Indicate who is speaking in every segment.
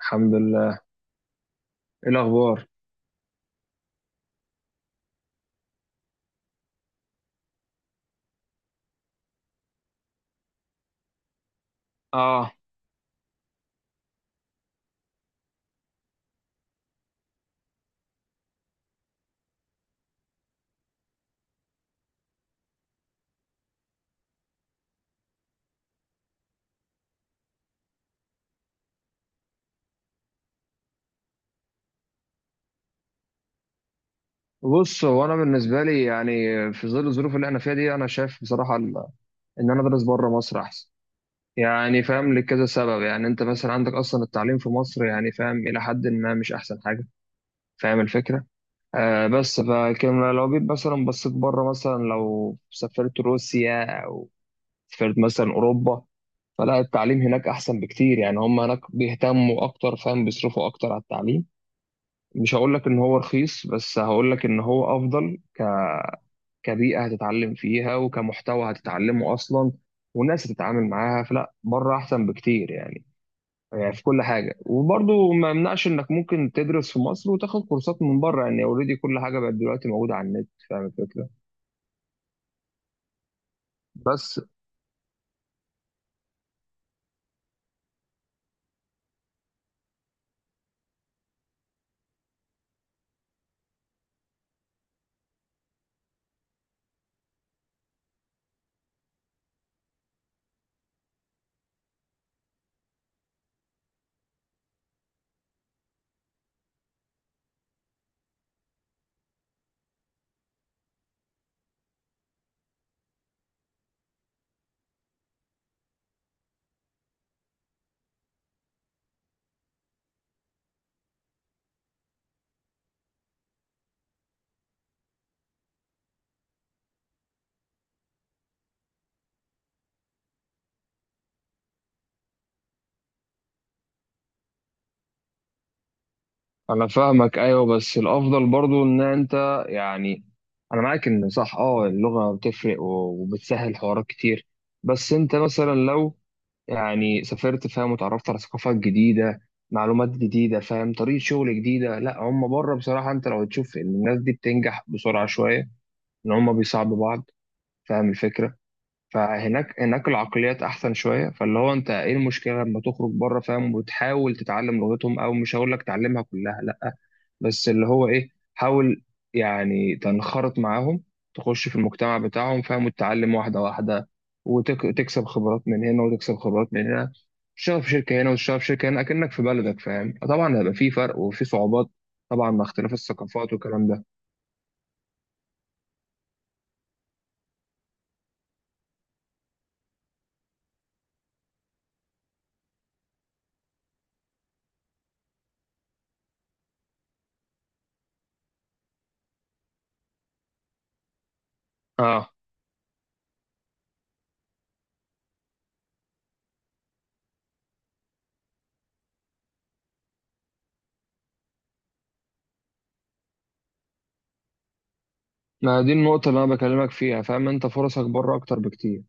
Speaker 1: الحمد لله. ايه الاخبار؟ اه، بص، هو انا بالنسبه لي يعني في ظل الظروف اللي احنا فيها دي انا شايف بصراحه ان انا ادرس بره مصر احسن. يعني فاهم لكذا سبب. يعني انت مثلا عندك اصلا التعليم في مصر، يعني فاهم، الى حد ما مش احسن حاجه. فاهم الفكره؟ آه، بس فكان لو جيت مثلا بصيت بره، مثلا لو سافرت روسيا او سافرت مثلا اوروبا، فلا التعليم هناك احسن بكتير. يعني هم هناك بيهتموا اكتر، فاهم، بيصرفوا اكتر على التعليم. مش هقول لك ان هو رخيص، بس هقول لك ان هو افضل كبيئه هتتعلم فيها، وكمحتوى هتتعلمه اصلا، وناس هتتعامل معاها. فلا بره احسن بكتير يعني، يعني في كل حاجه. وبرضه ما يمنعش انك ممكن تدرس في مصر وتاخد كورسات من بره. يعني اوريدي كل حاجه بقت دلوقتي موجوده على النت. فاهم الفكره؟ بس انا فاهمك، ايوه، بس الافضل برضه ان انت يعني، انا معاك ان صح اه اللغه بتفرق وبتسهل حوارات كتير. بس انت مثلا لو يعني سافرت، فاهم، وتعرفت على ثقافات جديدة، معلومات جديدة، فاهم، طريقة شغل جديدة. لا، هم بره بصراحة انت لو تشوف ان الناس دي بتنجح بسرعة شوية، ان هم بيصعبوا بعض. فاهم الفكرة؟ فهناك، العقليات احسن شوية. فاللي هو انت ايه المشكلة لما تخرج بره، فاهم، وتحاول تتعلم لغتهم، او مش هقول لك تعلمها كلها لا، بس اللي هو ايه، حاول يعني تنخرط معاهم، تخش في المجتمع بتاعهم، فاهم، وتتعلم واحدة واحدة، وتكسب خبرات من هنا وتكسب خبرات من هنا. تشتغل في شركة هنا وتشتغل في شركة هنا، أكنك في بلدك. فاهم؟ طبعا هيبقى في فرق وفي صعوبات، طبعا مع اختلاف الثقافات والكلام ده. اه، ما دي النقطة اللي أنا بكلمك فيها. فاهم؟ أنت فرصك بره أكتر بكتير،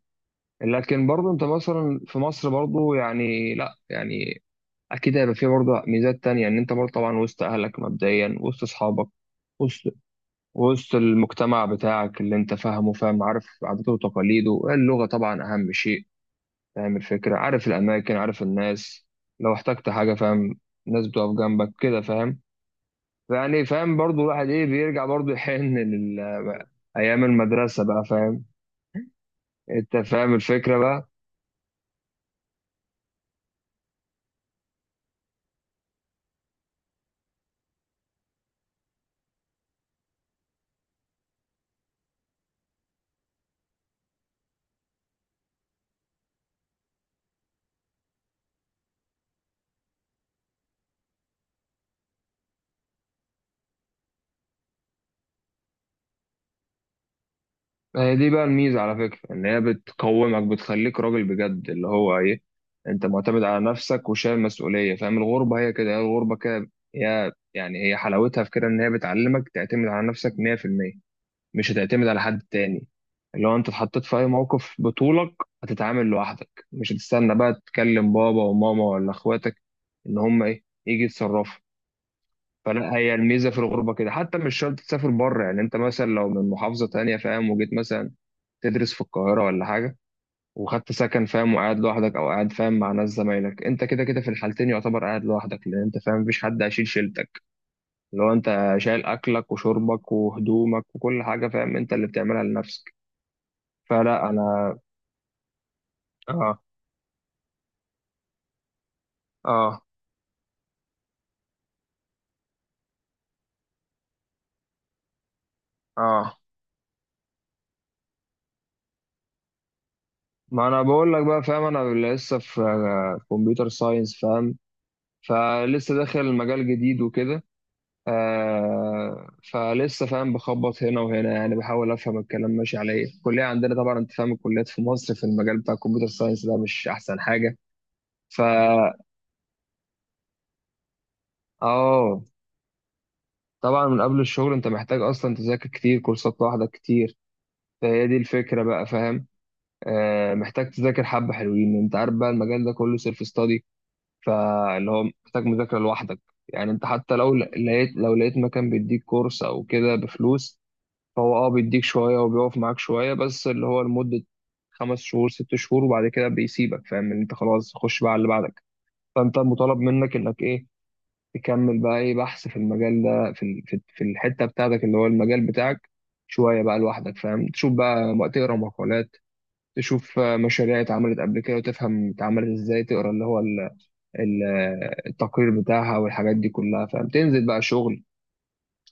Speaker 1: لكن برضه أنت مثلا في مصر برضه يعني، لا يعني اكيد هيبقى فيه برضه ميزات تانية، ان انت برضه طبعا وسط اهلك مبدئيا، وسط اصحابك، وسط وسط المجتمع بتاعك اللي انت فاهمه، فاهم، عارف عاداته وتقاليده، اللغة طبعا اهم شيء. فاهم الفكرة؟ عارف الاماكن، عارف الناس. لو احتجت حاجة، فاهم، ناس بتقف جنبك كده. فاهم؟ يعني فاهم برضه الواحد ايه بيرجع برضه يحن لأيام المدرسة بقى. فاهم؟ انت فاهم الفكرة بقى. هي دي بقى الميزة على فكرة، إن هي بتقومك، بتخليك راجل بجد. اللي هو إيه، أنت معتمد على نفسك وشايل مسؤولية. فاهم؟ الغربة هي كده، هي الغربة كده. هي يعني هي حلاوتها في كده، إن هي بتعلمك تعتمد على نفسك 100%. مش هتعتمد على حد تاني. اللي هو أنت اتحطيت في أي موقف بطولك، هتتعامل لوحدك، مش هتستنى بقى تكلم بابا وماما ولا إخواتك إن هم إيه يجي يتصرفوا. فلا هي الميزة في الغربة كده. حتى مش شرط تسافر بره. يعني أنت مثلا لو من محافظة تانية، فاهم، وجيت مثلا تدرس في القاهرة ولا حاجة، وخدت سكن، فاهم، وقاعد لوحدك، أو قاعد فاهم مع ناس زمايلك، أنت كده كده في الحالتين يعتبر قاعد لوحدك، لأن أنت فاهم مفيش حد هيشيل شيلتك. لو أنت شايل أكلك وشربك وهدومك وكل حاجة، فاهم، أنت اللي بتعملها لنفسك. فلا أنا آه. آه. آه، ما أنا بقول لك بقى، فاهم، أنا لسه في كمبيوتر ساينس، فاهم، فلسه داخل مجال جديد وكده. آه، فلسه فاهم بخبط هنا وهنا. يعني بحاول افهم الكلام ماشي على ايه. الكليه عندنا طبعا انت فاهم، الكليات في مصر في المجال بتاع الكمبيوتر ساينس ده مش احسن حاجه. فا اه، طبعا من قبل الشغل انت محتاج اصلا تذاكر كتير، كورسات لوحدك كتير. فهي دي الفكره بقى. فاهم؟ آه، محتاج تذاكر حبه حلوين. انت عارف بقى المجال ده كله سيلف ستادي، فاللي هو محتاج مذاكره لوحدك. يعني انت حتى لو لقيت، لو لقيت مكان بيديك كورس او كده بفلوس، هو اه بيديك شوية وبيقف معاك شوية، بس اللي هو لمدة خمس شهور ست شهور، وبعد كده بيسيبك. فاهم؟ ان انت خلاص خش بقى على اللي بعدك. فانت مطالب منك انك ايه، تكمل بقى ايه، بحث في المجال ده، في في الحتة بتاعتك اللي هو المجال بتاعك، شوية بقى لوحدك. فاهم؟ تشوف بقى، تقرا مقالات، تشوف آه، مشاريع اتعملت قبل كده، وتفهم اتعملت ازاي، تقرا اللي هو ال- التقرير بتاعها والحاجات دي كلها. فاهم؟ تنزل بقى شغل.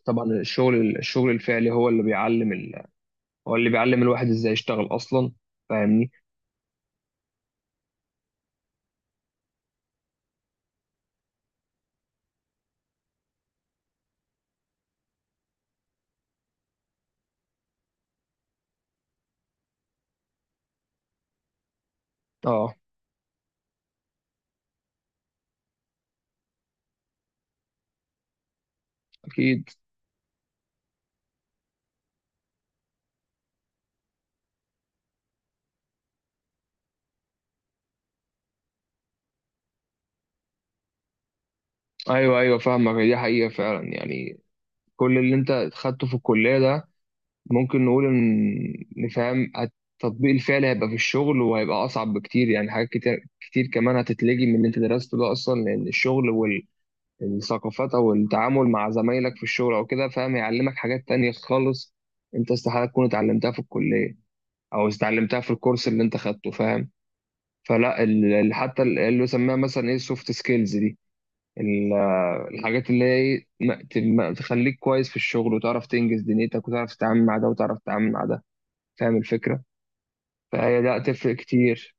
Speaker 1: طبعا الشغل، الفعلي هو اللي بيعلم، هو اللي بيعلم الواحد ازاي يشتغل اصلا. فاهمني؟ اه. اكيد. ايوه، ايوه، فاهمك. دي حقيقه فعلا يعني. كل اللي انت خدته في الكليه ده، ممكن نقول ان نفهم التطبيق الفعلي هيبقى في الشغل، وهيبقى اصعب بكتير. يعني حاجات كتير كتير كمان هتتلجي من اللي انت درسته ده اصلا، لان الشغل والثقافات او التعامل مع زمايلك في الشغل او كده، فاهم، يعلمك حاجات تانية خالص، انت استحاله تكون اتعلمتها في الكليه او اتعلمتها في الكورس اللي انت خدته. فاهم؟ فلا اللي يسميها مثلا ايه، السوفت سكيلز دي، ال- الحاجات اللي هي إيه، تخليك كويس في الشغل، وتعرف تنجز دنيتك، وتعرف تتعامل مع ده وتعرف تتعامل مع ده. فاهم الفكرة؟ فهي لا تفرق كتير.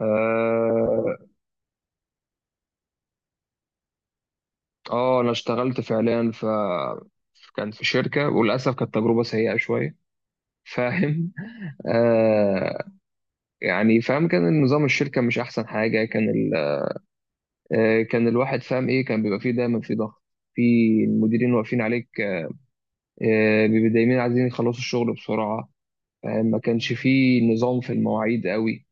Speaker 1: اه. آه، انا اشتغلت فعليا كان في شركة، وللأسف كانت تجربة سيئة شوية. فاهم؟ آه. يعني فاهم كان النظام الشركة مش أحسن حاجة. كان آه، كان الواحد فاهم إيه، كان بيبقى فيه دايما في ضغط، في المديرين واقفين عليك. آه، بيبقوا دايما عايزين يخلصوا الشغل بسرعة. آه، ما كانش فيه نظام في المواعيد قوي،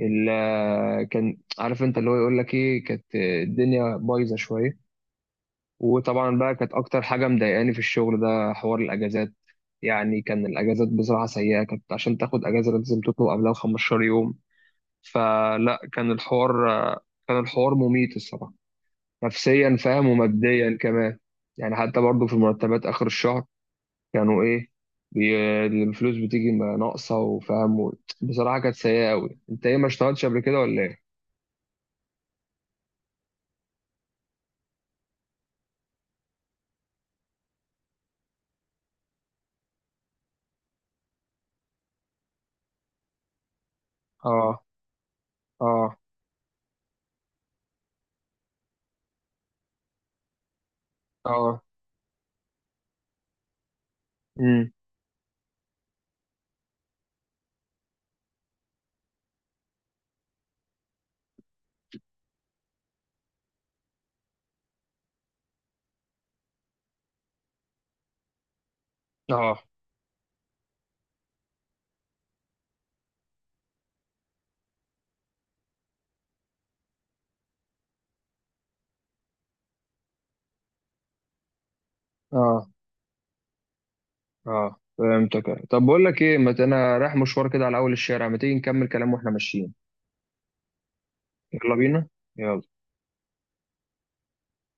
Speaker 1: الا كان عارف انت اللي هو يقول لك ايه، كانت آه، الدنيا بايظة شوية. وطبعا بقى كانت اكتر حاجة مضايقاني في الشغل ده حوار الاجازات. يعني كان الاجازات بصراحة سيئة. كانت عشان تاخد اجازة لازم تطلب قبلها 15 يوم. فلا كان الحوار، كان الحوار مميت الصراحة، نفسيا، فاهم، وماديا كمان. يعني حتى برضو في المرتبات آخر الشهر، كانوا ايه، بي... الفلوس بتيجي ناقصه، وفاهم بصراحه كانت سيئه قوي. انت ايه، ما اشتغلتش قبل كده ولا ايه؟ اه. اه. اه. امم. اه. اه. اه، فهمتك. طب بقول لك ايه، ما ت- انا رايح مشوار كده على اول الشارع، ما تيجي نكمل كلام واحنا ماشيين. يلا بينا. يلا.